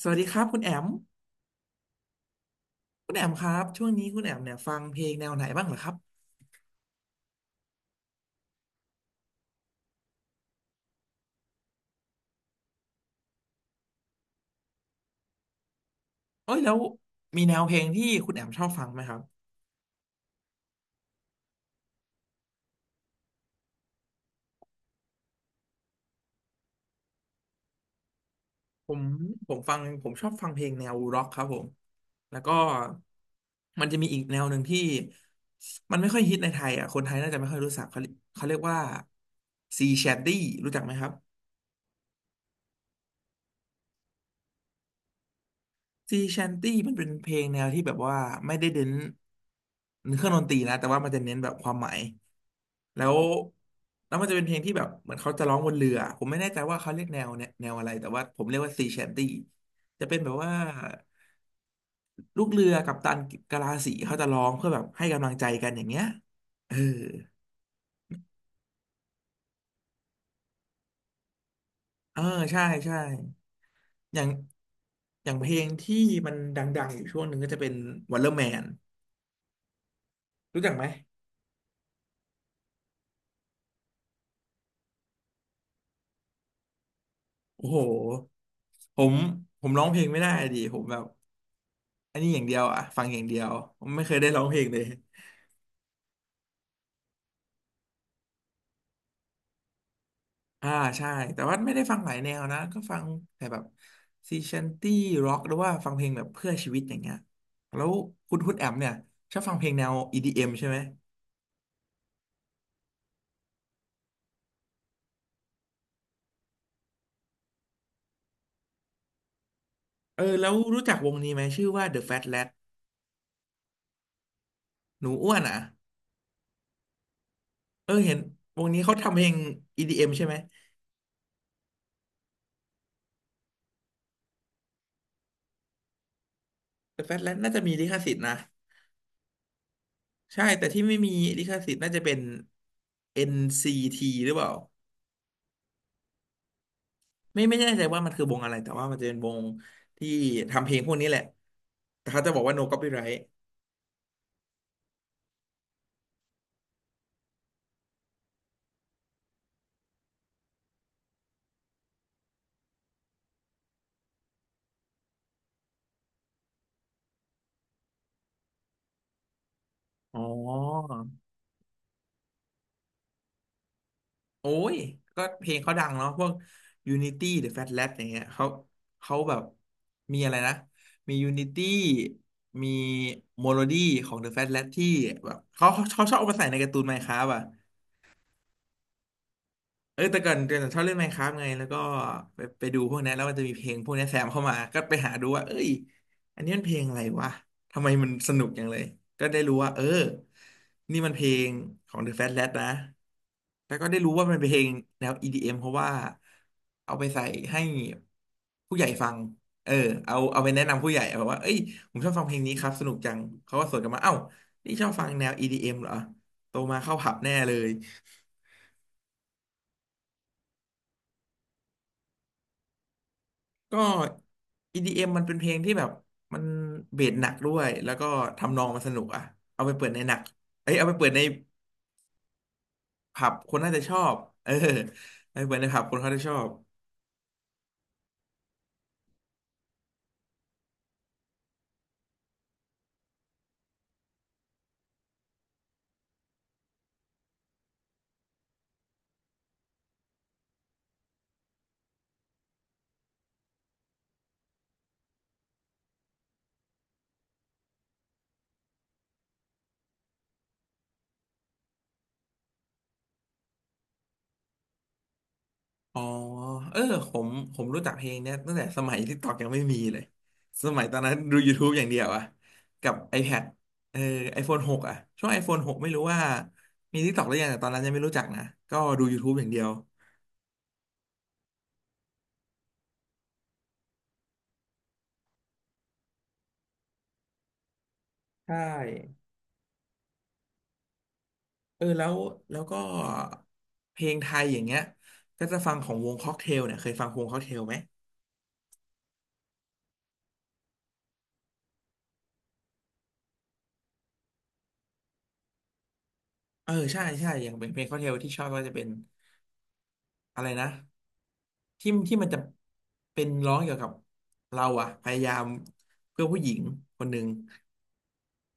สวัสดีครับคุณแอมคุณแอมครับช่วงนี้คุณแอมเนี่ยฟังเพลงแนวไหนบ้างเหรอครับเอ้ยแล้วมีแนวเพลงที่คุณแอมชอบฟังไหมครับผมฟังผมชอบฟังเพลงแนวร็อกครับผมแล้วก็มันจะมีอีกแนวหนึ่งที่มันไม่ค่อยฮิตในไทยอ่ะคนไทยน่าจะไม่ค่อยรู้จักเขาเขาเรียกว่าซีแชดดี้รู้จักไหมครับ ซีแชนตี้มันเป็นเพลงแนวที่แบบว่าไม่ได้เน้นเครื่องดนตรีนะแต่ว่ามันจะเน้นแบบความหมายแล้วแล้วมันจะเป็นเพลงที่แบบเหมือนเขาจะร้องบนเรือผมไม่แน่ใจว่าเขาเรียกแนวเนี่ยแนวอะไรแต่ว่าผมเรียกว่าซีแชนตี้จะเป็นแบบว่าลูกเรือกัปตันกะลาสีเขาจะร้องเพื่อแบบให้กำลังใจกันอย่างเงี้ยเออเออใช่ใช่อย่างเพลงที่มันดังๆอยู่ช่วงหนึ่งก็จะเป็น Wonderman รู้จักไหม โอ้โหผมผมร้องเพลงไม่ได้ดิผมแบบอันนี้อย่างเดียวอะฟังอย่างเดียวผมไม่เคยได้ร้องเพลงเลยอ่าใช่แต่ว่าไม่ได้ฟังหลายแนวนะก็ฟังแต่แบบซีชันตี้ร็อกหรือว่าฟังเพลงแบบเพื่อชีวิตอย่างเงี้ยแล้วคุณแอมเนี่ยชอบฟังเพลงแนว EDM ใช่ไหมเออแล้วรู้จักวงนี้ไหมชื่อว่า The Fat Lad หนูอ้วนอ่ะเออเห็นวงนี้เขาทำเพลง EDM ใช่ไหม The Fat Lad น่าจะมีลิขสิทธิ์นะ ใช่แต่ที่ไม่มีลิขสิทธิ์น่าจะเป็น NCT หรือเปล่าไม่แน่ใจว่ามันคือวงอะไรแต่ว่ามันจะเป็นวงที่ทำเพลงพวกนี้แหละแต่เขาจะบอกว่า no copyright อ๋อโอ้ยก็เพลงเขาดังเนาะพวก Unity หรือ Fat Lab อย่างเงี้ยเขาแบบมีอะไรนะมี Unity มี Melody ของ The Fat Lab ที่แบบเขาชอบเอามาใส่ในการ์ตูน Minecraft อ่ะ เออแต่ก่อนเดี๋ยวชอบเล่น Minecraft ไงแล้วก็ไปดูพวกนี้นแล้วมันจะมีเพลงพวกนี้แซมเข้ามาก็ไปหาดูว่าเอ้ยอันนี้มันเพลงอะไรวะทำไมมันสนุกจังเลยก็ได้รู้ว่าเออนี่มันเพลงของ The Fat Lad นะแล้วก็ได้รู้ว่ามันเป็นเพลงแนว EDM เอ็มเพราะว่าเอาไปใส่ให้ผู้ใหญ่ฟังเออเอาไปแนะนำผู้ใหญ่แบบว่าเอ้ยผมชอบฟังเพลงนี้ครับสนุกจังเขาก็สวนกลับมาเอ้านี่ชอบฟังแนว EDM เอ็มเหรอโตมาเข้าผับแน่เลย ก็ EDM มมันเป็นเพลงที่แบบมันเบสหนักด้วยแล้วก็ทำนองมันสนุกอะเอาไปเปิดในหนักเอ้ยเอาไปเปิดในผับคนน่าจะชอบเออเอาไปเปิดในผับคนเขาจะชอบอ๋อเออผมผมรู้จักเพลงเนี้ยตั้งแต่สมัยที่ตอกยังไม่มีเลยสมัยตอนนั้นดู YouTube อย่างเดียวอะกับ iPad เออ iPhone 6อะช่วง iPhone หกไม่รู้ว่ามี TikTok หรือยังแต่ตอนนั้นยังไม่รู้จักนะก็ดู YouTube อย่างเดียวใช่ เออแล้วก็เพลงไทยอย่างเงี้ยก็จะฟังของวงค็อกเทลเนี่ยเคยฟังวงค็อกเทลไหมเออใช่ใช่อย่างเป็นเพลงค็อกเทลที่ชอบก็จะเป็นอะไรนะที่ที่มันจะเป็นร้องเกี่ยวกับเราอะพยายามเพื่อผู้หญิงคนหนึ่ง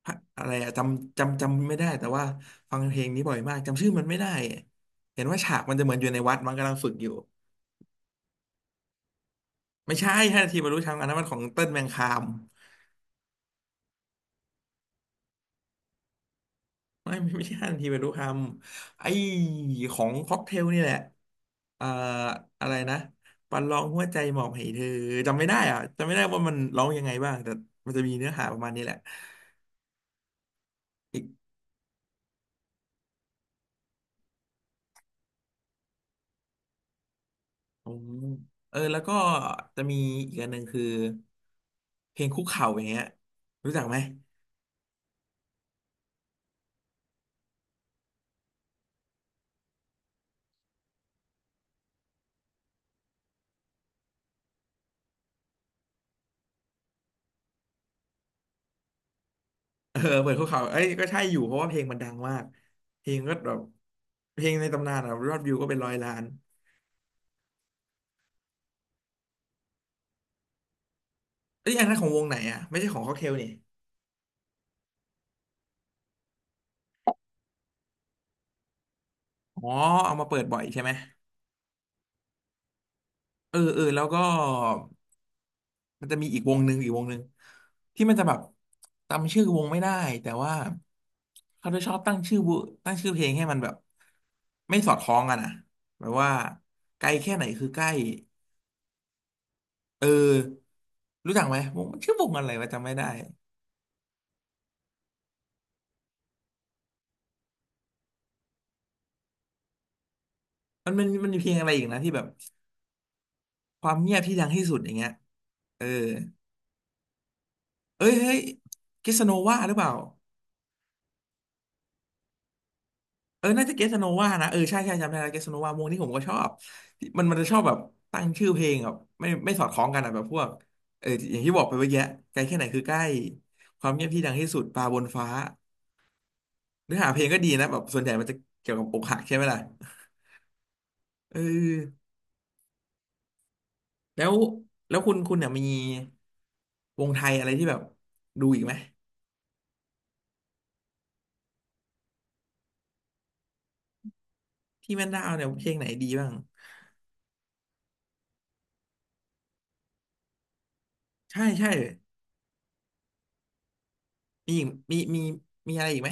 พะอะไรอะจำไม่ได้แต่ว่าฟังเพลงนี้บ่อยมากจำชื่อมันไม่ได้เห็นว่าฉากมันจะเหมือนอยู่ในวัดมันกำลังฝึกอยู่ไม่ใช่ห้านาทีบรรลุธรรมอันนั้นมันของเติ้ลแมงคาม ไม่ไม่ไม่ใช่ทันาทีไปรู้คำไอ้ของค็อกเทลนี่แหละเอ่ออะไรนะประลองหัวใจหมอบให้เธอจำไม่ได้อ่ะจำไม่ได้ว่ามันร้องยังไงบ้างแต่มันจะมีเนื้อหาประมาณนี้แหละอีกอืมเออแล้วก็จะมีอีกอันหนึ่งคือเพลงคุกเข่าอย่างเงี้ยรู้จักไหมเออเปิดคุกเข่าเอ้ยก็ใช่อยู่เพราะว่าเพลงมันดังมากเพลงก็แบบเพลงในตำนานอะยอดวิวก็เป็น100 ล้านเอ้ยอันนั้นของวงไหนอ่ะไม่ใช่ของค็อกเทลนี่ อ๋อเอามาเปิดบ่อยใช่ไหมเออเออแล้วก็มันจะมีอีกวงหนึ่งอีกวงหนึ่งที่มันจะแบบจำชื่อวงไม่ได้แต่ว่าเขาจะชอบตั้งชื่อวงตั้งชื่อเพลงให้มันแบบไม่สอดคล้องกันอ่ะแบบว่าไกลแค่ไหนคือใกล้เออรู้จักไหมวงชื่อวงอะไรวะจำไม่ได้มันมีเพลงอะไรอีกนะที่แบบความเงียบที่ดังที่สุดอย่างเงี้ยเออเอ้ยเฮ้ยกิสโนวาหรือเปล่า เออน่าจะเกสโนวานะเออใช่ใช่ จำได้แล้วเกสโนวาวงนี้ผมก็ชอบ มันจะชอบแบบตั้งชื่อเพลงแบบไม่สอดคล้องกันอะแบบพวกเอออย่างที่บอกไปเมื่อกี้ไกลแค่ไหนคือใกล้ความเงียบที่ดังที่สุดปลาบนฟ้าเนื้อหาเพลงก็ดีนะแบบส่วนใหญ่มันจะเกี่ยวกับอกหักใช่ไหมล่ะเออแล้วแล้วคุณเนี่ยมีวงไทยอะไรที่แบบดูอีกไหมที่แม่นดาวเนี่ยเพลงไหนดีบ้างใช่ใช่มีมีอะไรอีกไหม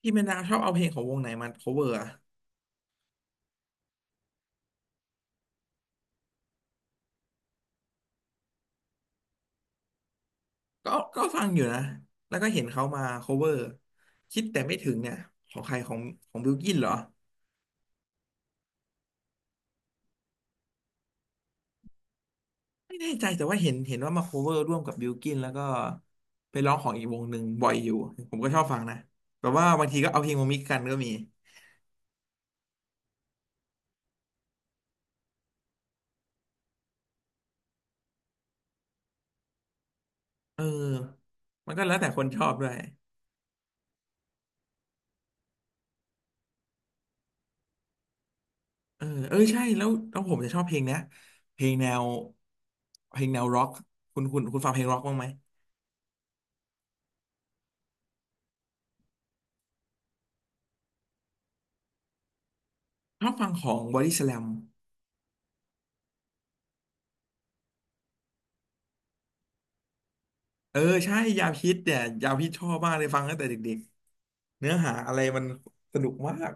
ที่แม่นดาวชอบเอาเพลงของวงไหนมา cover อะ ก็ฟังอยู่นะแล้วก็เห็นเขามา cover คิดแต่ไม่ถึงเนี่ยของใครของบิลกินเหรอไม่แน่ใจแต่ว่าเห็นว่ามา cover ร่วมกับบิลกินแล้วก็ไปร้องของอีกวงหนึ่งบ่อยอยู่ผมก็ชอบฟังนะแบบว่าบางทีก็เอาเพลงมามิกกันก็มีเออมันก็แล้วแต่คนชอบด้วยเออเออใช่แล้วแล้วผมจะชอบเพลงเนี้ยเพลงแนวเพลงแนวร็อกคุณฟังเพลงร็อกบ้างไหมชอบฟังของบอดี้สแลมเออใช่ยาพิษเนี่ยยาพิษชอบมากเลยฟังตั้งแต่เด็ก เนื้อหาอะไรมันสนุกมาก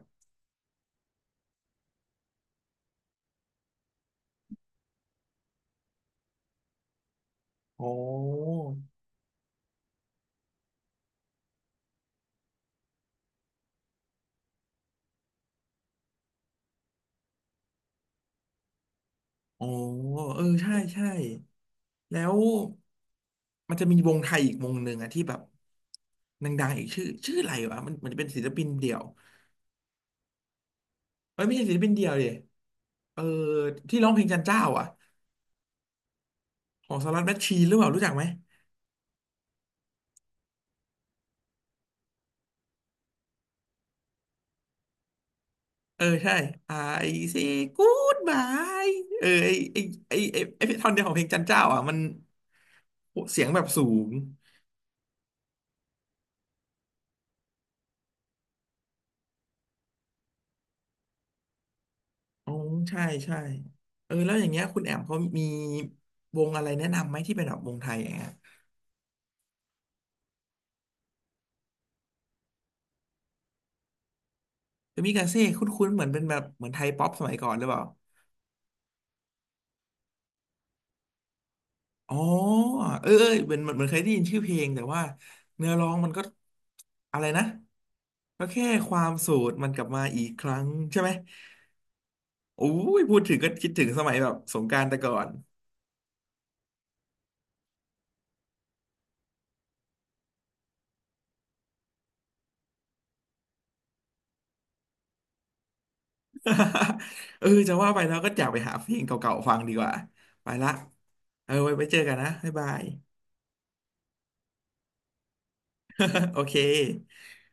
อ๋ออ๋อเออ ใช่ ใช่ แล้วมันจะมีวงไทยอีกวงหนึ่งอะที่แบบดังๆอีกชื่ออะไรวะมันจะเป็นศิลปินเดี่ยวเอ้ยไม่ใช่ศิลปินเดี่ยวดิเออที่ร้องเพลงจันเจ้าอ่ะของสลัดแมชชีนหรือเปล่ารู้จักไหมเออใช่ I say goodbye เออไอท่อนเดียวของเพลงจันเจ้าอ่ะมันเสียงแบบสูง อ๋อใช่ใช่เออแล้วอย่างเงี้ยคุณแอมเขามีวงอะไรแนะนำไหมที่เป็นแบบวงไทยอย่างเงี้ยจะมีกาเซ่คุ้นๆเหมือนเป็นแบบเหมือนไทยป๊อปสมัยก่อนหรือเปล่าอ๋อเออเออเหมือนเคยได้ยินชื่อเพลงแต่ว่าเนื้อร้องมันก็อะไรนะก็แค่ความโสดมันกลับมาอีกครั้งใช่ไหมโอ้ยพูดถึงก็คิดถึงสมัยแบบสงกรานต์แต่ก่อน เออจะว่าไปแล้วก็อยากไปหาเพลงเก่าๆฟังดีกว่าไปละเออไว้ไปเจอกันนะบ๊ายบาย โอเค